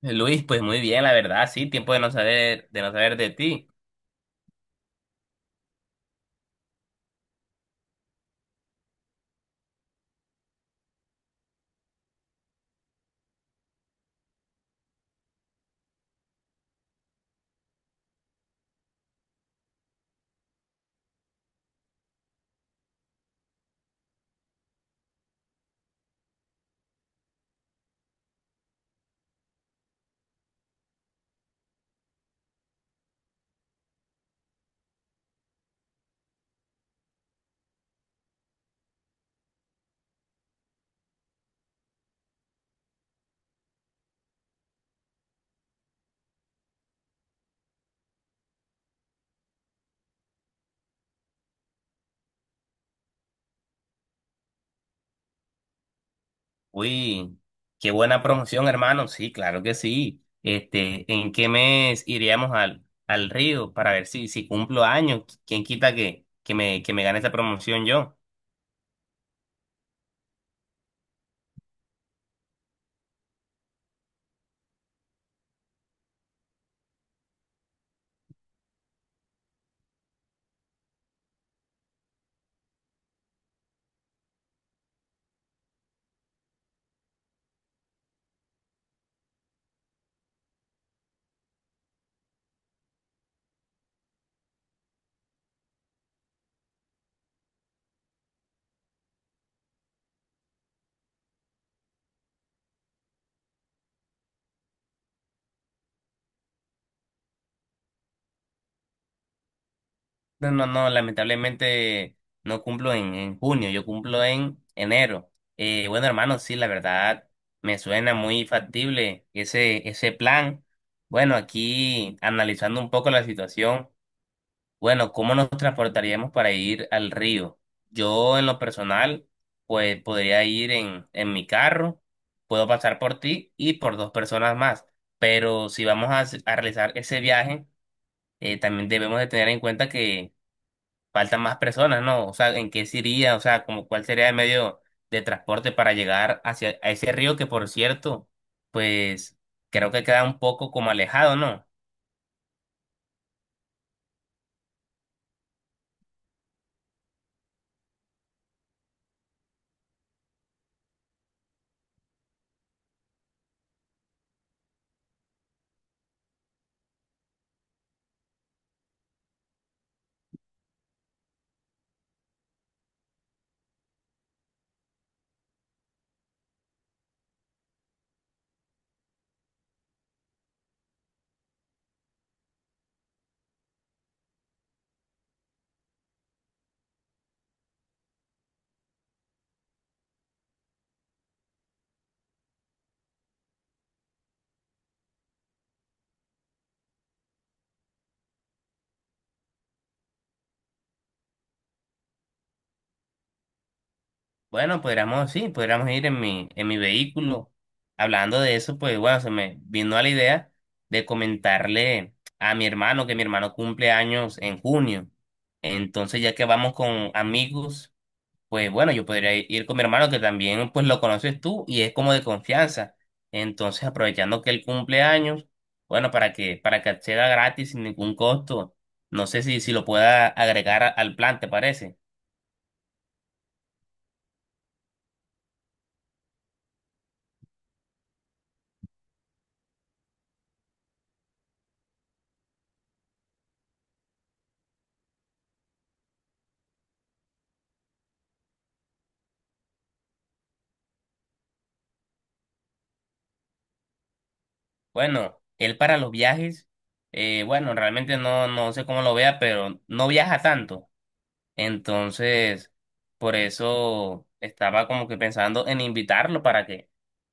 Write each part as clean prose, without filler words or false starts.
Luis, pues muy bien, la verdad, sí, tiempo de no saber, de no saber de ti. Uy, qué buena promoción, hermano. Sí, claro que sí. Este, ¿en qué mes iríamos al Río para ver si cumplo años? ¿Quién quita que me gane esa promoción yo? No, no, no, lamentablemente no cumplo en junio, yo cumplo en enero. Bueno, hermano, sí, la verdad, me suena muy factible ese plan. Bueno, aquí analizando un poco la situación. Bueno, ¿cómo nos transportaríamos para ir al río? Yo en lo personal, pues podría ir en mi carro, puedo pasar por ti y por dos personas más, pero si vamos a, a realizar ese viaje, también debemos de tener en cuenta que faltan más personas, ¿no? O sea, ¿en qué se iría? O sea, como cuál sería el medio de transporte para llegar hacia a ese río que, por cierto, pues creo que queda un poco como alejado, ¿no? Bueno, podríamos, sí, podríamos ir en mi vehículo. Hablando de eso, pues bueno, se me vino a la idea de comentarle a mi hermano que mi hermano cumple años en junio. Entonces, ya que vamos con amigos, pues bueno, yo podría ir con mi hermano que también pues lo conoces tú y es como de confianza. Entonces, aprovechando que él cumple años, bueno, para que acceda gratis sin ningún costo. No sé si, si lo pueda agregar al plan, ¿te parece? Bueno, él para los viajes, bueno, realmente no, no sé cómo lo vea, pero no viaja tanto. Entonces, por eso estaba como que pensando en invitarlo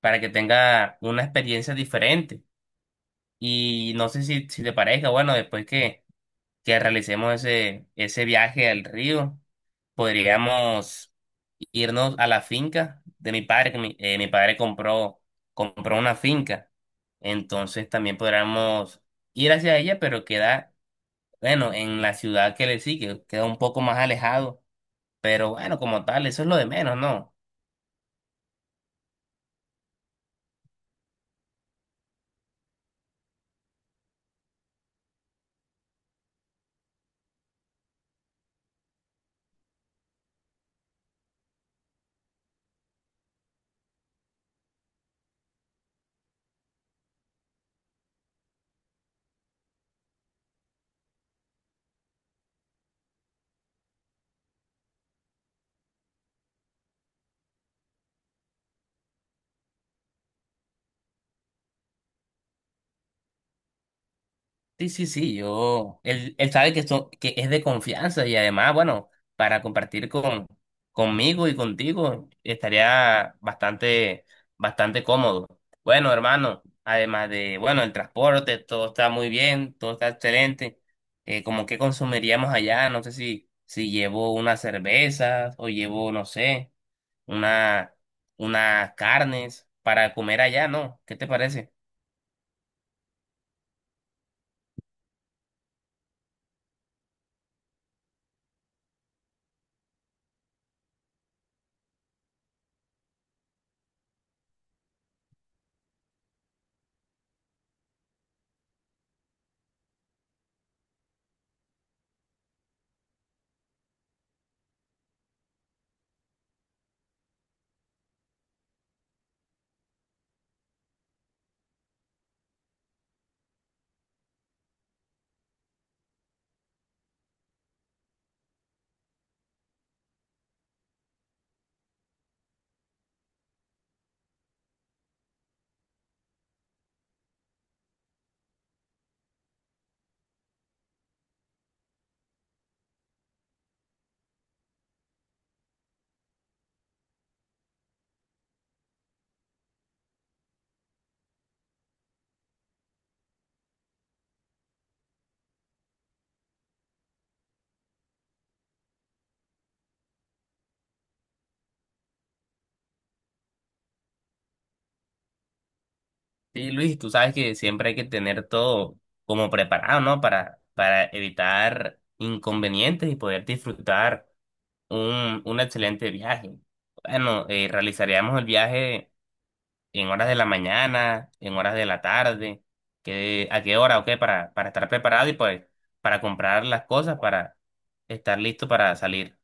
para que tenga una experiencia diferente. Y no sé si, si te parezca, bueno, después que realicemos ese viaje al río, podríamos irnos a la finca de mi padre, que mi, mi padre compró, compró una finca. Entonces también podríamos ir hacia ella, pero queda, bueno, en la ciudad que le sigue, queda un poco más alejado. Pero bueno, como tal, eso es lo de menos, ¿no? Sí, sí, sí, yo, él sabe que, que es de confianza y además, bueno, para compartir con, conmigo y contigo estaría bastante, bastante cómodo. Bueno, hermano, además de, bueno, el transporte, todo está muy bien, todo está excelente. ¿Cómo qué consumiríamos allá? No sé si, si llevo unas cervezas o llevo, no sé, una, unas carnes para comer allá, ¿no? ¿Qué te parece? Sí, Luis, tú sabes que siempre hay que tener todo como preparado, ¿no? Para evitar inconvenientes y poder disfrutar un excelente viaje. Bueno, realizaríamos el viaje en horas de la mañana, en horas de la tarde, que, a qué hora, o qué, para estar preparado y pues para comprar las cosas, para estar listo para salir.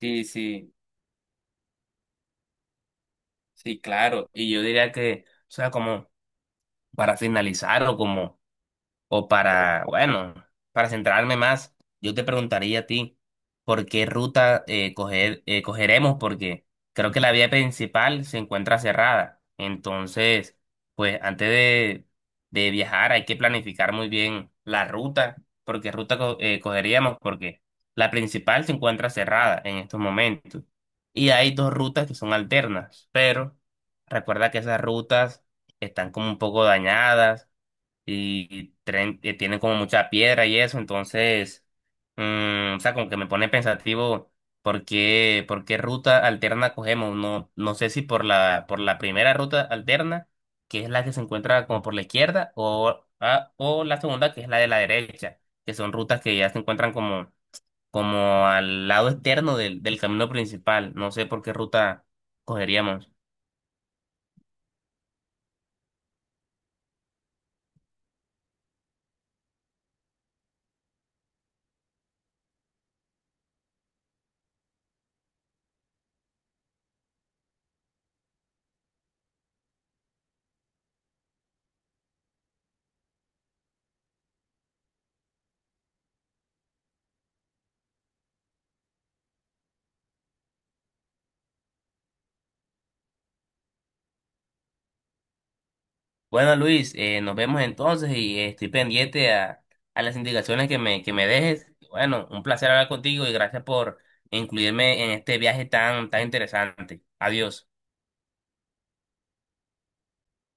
Sí, sí, sí, claro. Y yo diría que, o sea, como para finalizar o como o para, bueno, para centrarme más, yo te preguntaría a ti por qué ruta cogeremos, porque creo que la vía principal se encuentra cerrada. Entonces, pues antes de viajar hay que planificar muy bien la ruta, porque ruta cogeríamos, porque la principal se encuentra cerrada en estos momentos. Y hay dos rutas que son alternas, pero recuerda que esas rutas están como un poco dañadas y tienen como mucha piedra y eso, entonces, o sea, como que me pone pensativo por qué ruta alterna cogemos, no, no sé si por la, por la primera ruta alterna, que es la que se encuentra como por la izquierda, o o la segunda, que es la de la derecha, que son rutas que ya se encuentran como, como al lado externo del, del camino principal, no sé por qué ruta cogeríamos. Bueno, Luis, nos vemos entonces y estoy pendiente a las indicaciones que me dejes. Bueno, un placer hablar contigo y gracias por incluirme en este viaje tan, tan interesante. Adiós.